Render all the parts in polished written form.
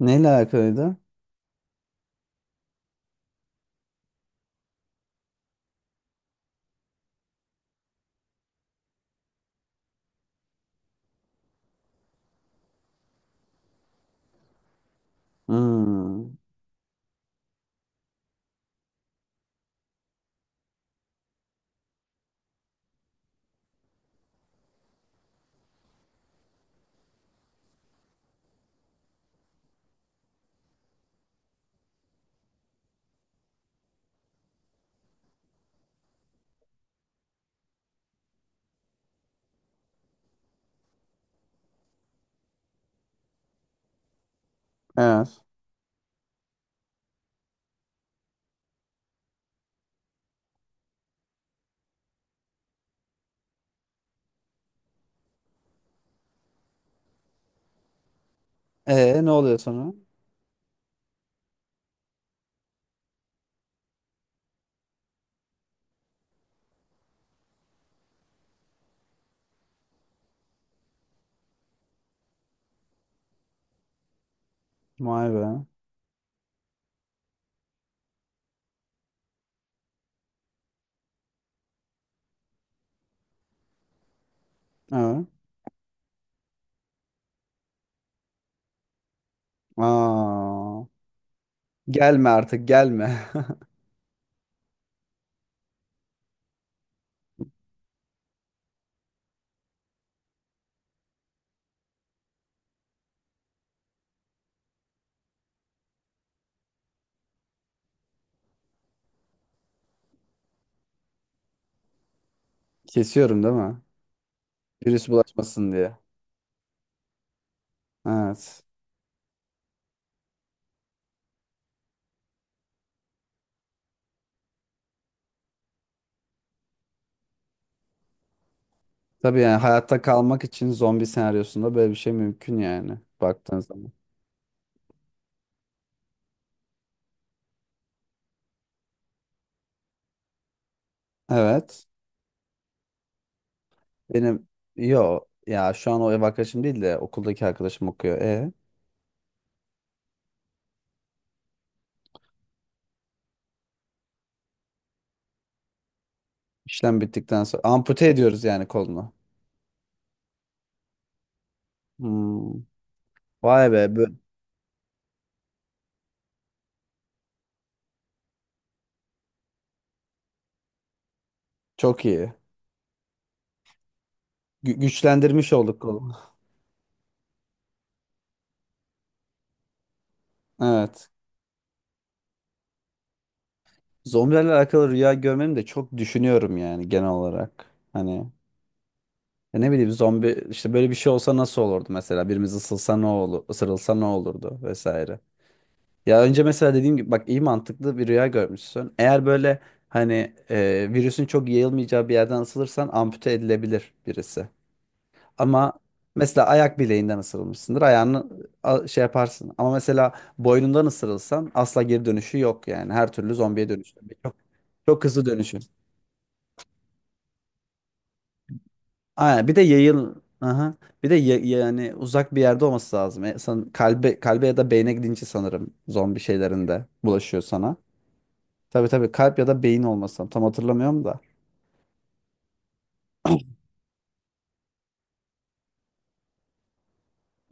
Neyle alakalıydı? Hmm. Evet. E ne oluyor sonra? Vay be. Evet. Aa. Gelme artık gelme. Kesiyorum değil mi? Virüs bulaşmasın diye. Evet. Tabii yani hayatta kalmak için zombi senaryosunda böyle bir şey mümkün yani baktığın zaman. Evet. Benim yo ya şu an o ev arkadaşım değil de okuldaki arkadaşım okuyor. E işlem bittikten sonra ampute ediyoruz yani kolunu. Hmm. Vay be çok iyi. Güçlendirmiş olduk kolu. Evet. Zombilerle alakalı rüya görmemi de çok düşünüyorum yani genel olarak. Hani ya ne bileyim zombi işte böyle bir şey olsa nasıl olurdu mesela birimiz ısılsa ne olur, ısırılsa ne olurdu vesaire. Ya önce mesela dediğim gibi bak iyi mantıklı bir rüya görmüşsün. Eğer böyle hani virüsün çok yayılmayacağı bir yerden ısılırsan ampute edilebilir birisi. Ama mesela ayak bileğinden ısırılmışsındır. Ayağını şey yaparsın. Ama mesela boynundan ısırılsan asla geri dönüşü yok yani. Her türlü zombiye dönüştün. Çok hızlı dönüşün. Aynen. Bir de yayıl. Aha. Bir de yani uzak bir yerde olması lazım. Kalbe ya da beyne gidince sanırım zombi şeylerinde bulaşıyor sana. Tabii tabii kalp ya da beyin olmasın. Tam hatırlamıyorum da.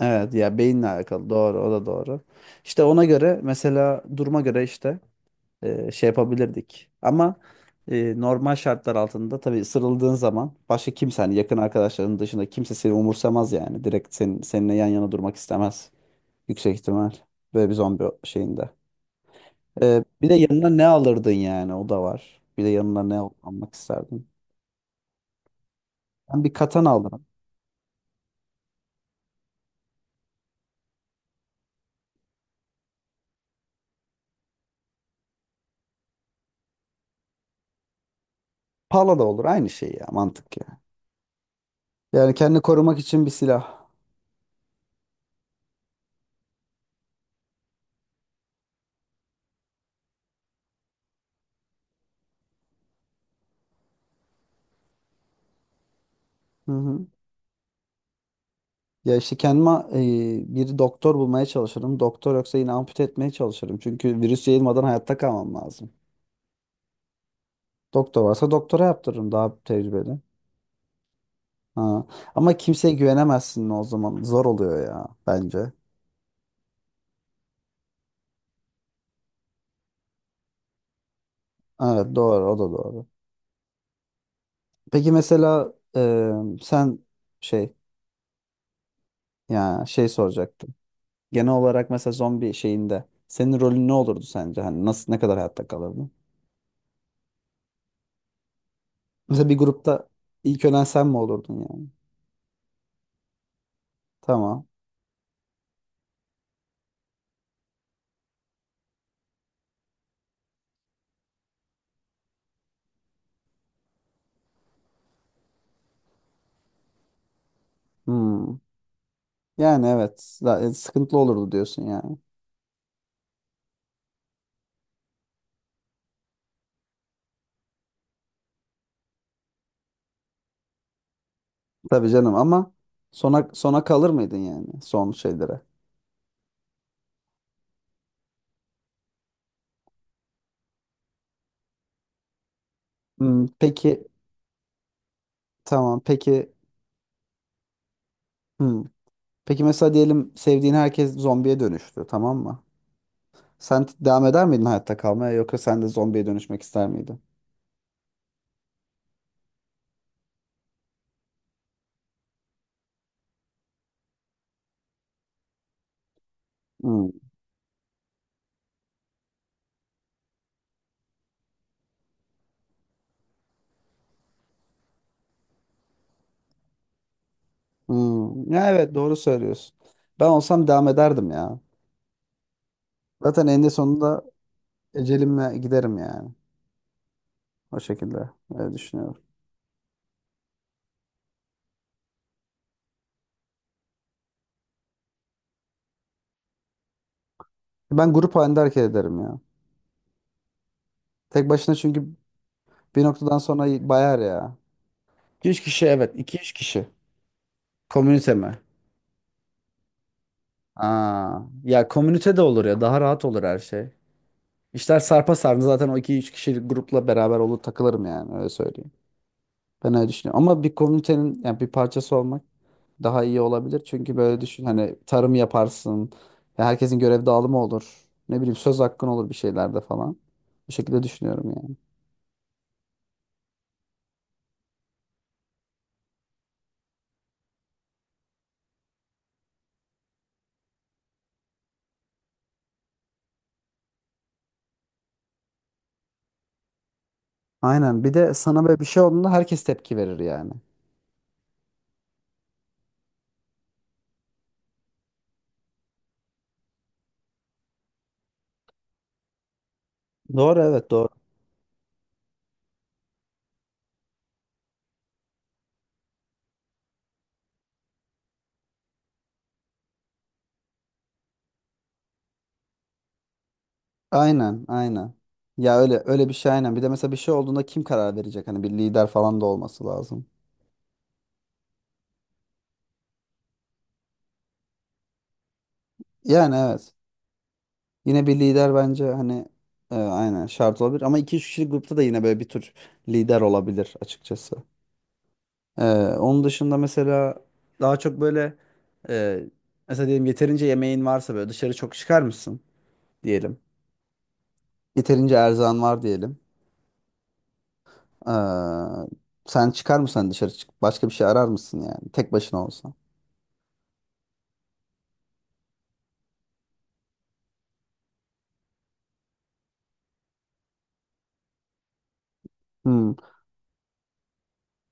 Evet ya beyinle alakalı doğru, o da doğru. İşte ona göre mesela duruma göre işte şey yapabilirdik. Ama normal şartlar altında tabii sırıldığın zaman başka kimse hani yakın arkadaşların dışında kimse seni umursamaz yani. Direkt seninle yan yana durmak istemez. Yüksek ihtimal. Böyle bir zombi şeyinde. Bir de yanına ne alırdın yani, o da var. Bir de yanına ne almak isterdin? Ben bir katan aldım. Pala da olur aynı şey ya, mantık ya. Yani kendini korumak için bir silah. Hı hı. Ya işte kendime bir doktor bulmaya çalışırım. Doktor yoksa yine ampute etmeye çalışırım. Çünkü virüs yayılmadan hayatta kalmam lazım. Doktor varsa doktora yaptırırım, daha tecrübeli. Ha. Ama kimseye güvenemezsin o zaman. Zor oluyor ya bence. Evet, doğru, o da doğru. Peki mesela sen şey ya şey soracaktım. Genel olarak mesela zombi şeyinde senin rolün ne olurdu sence? Hani nasıl, ne kadar hayatta kalırdın? Mesela bir grupta ilk ölen sen mi olurdun yani? Tamam. Hmm. Yani evet. Sıkıntılı olurdu diyorsun yani. Tabii canım, ama sona sona kalır mıydın yani, son şeylere? Hmm, peki, tamam, peki. Hmm. Peki mesela diyelim, sevdiğin herkes zombiye dönüştü, tamam mı? Sen devam eder miydin hayatta kalmaya, yoksa sen de zombiye dönüşmek ister miydin? Hmm. Hmm. Ya evet, doğru söylüyorsun. Ben olsam devam ederdim ya. Zaten eninde sonunda ecelimle giderim yani. O şekilde, öyle düşünüyorum. Ben grup halinde hareket ederim ya. Tek başına çünkü. Bir noktadan sonra bayar ya. 2-3 kişi, evet. 2-3 kişi. Komünite mi? Aa, ya komünite de olur ya. Daha rahat olur her şey. İşler sarpa sardı. Zaten o 2-3 kişilik grupla beraber olur, takılırım yani. Öyle söyleyeyim. Ben öyle düşünüyorum. Ama bir komünitenin yani bir parçası olmak daha iyi olabilir. Çünkü böyle düşün, hani tarım yaparsın. Ya herkesin görev dağılımı olur. Ne bileyim, söz hakkın olur bir şeylerde falan. Bu şekilde düşünüyorum yani. Aynen. Bir de sana böyle bir şey olduğunda herkes tepki verir yani. Doğru, evet, doğru. Aynen, aynen. Ya öyle öyle bir şey, aynen. Bir de mesela bir şey olduğunda kim karar verecek? Hani bir lider falan da olması lazım. Yani evet. Yine bir lider bence hani aynen şart olabilir. Ama iki üç kişilik grupta da yine böyle bir tür lider olabilir açıkçası. E, onun dışında mesela daha çok böyle e, mesela diyelim, yeterince yemeğin varsa böyle dışarı çok çıkar mısın diyelim. Yeterince erzağın var diyelim. E, sen çıkar mısın, hani dışarı çık? Başka bir şey arar mısın yani, tek başına olsan? Hmm.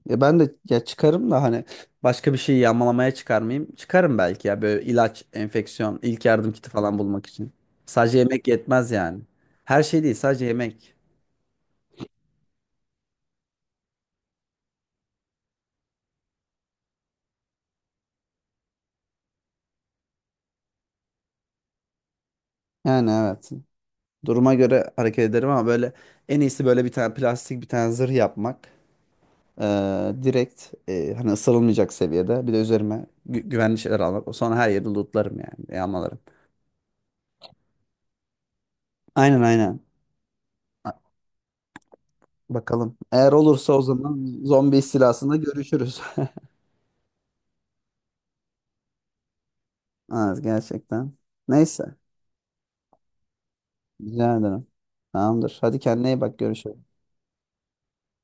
Ya ben de, ya çıkarım da hani başka bir şey yağmalamaya çıkarmayayım. Çıkarım belki ya, böyle ilaç, enfeksiyon, ilk yardım kiti falan bulmak için. Sadece yemek yetmez yani. Her şey, değil sadece yemek. Yani evet. Duruma göre hareket ederim, ama böyle en iyisi böyle bir tane plastik bir tane zırh yapmak. Direkt hani ısırılmayacak seviyede. Bir de üzerime güvenli şeyler almak. Sonra her yeri lootlarım yani, yağmalarım. Aynen, aynen. Bakalım. Eğer olursa, o zaman zombi istilasında görüşürüz. Az gerçekten. Neyse. Rica ederim. Tamamdır. Hadi kendine iyi bak. Görüşürüz.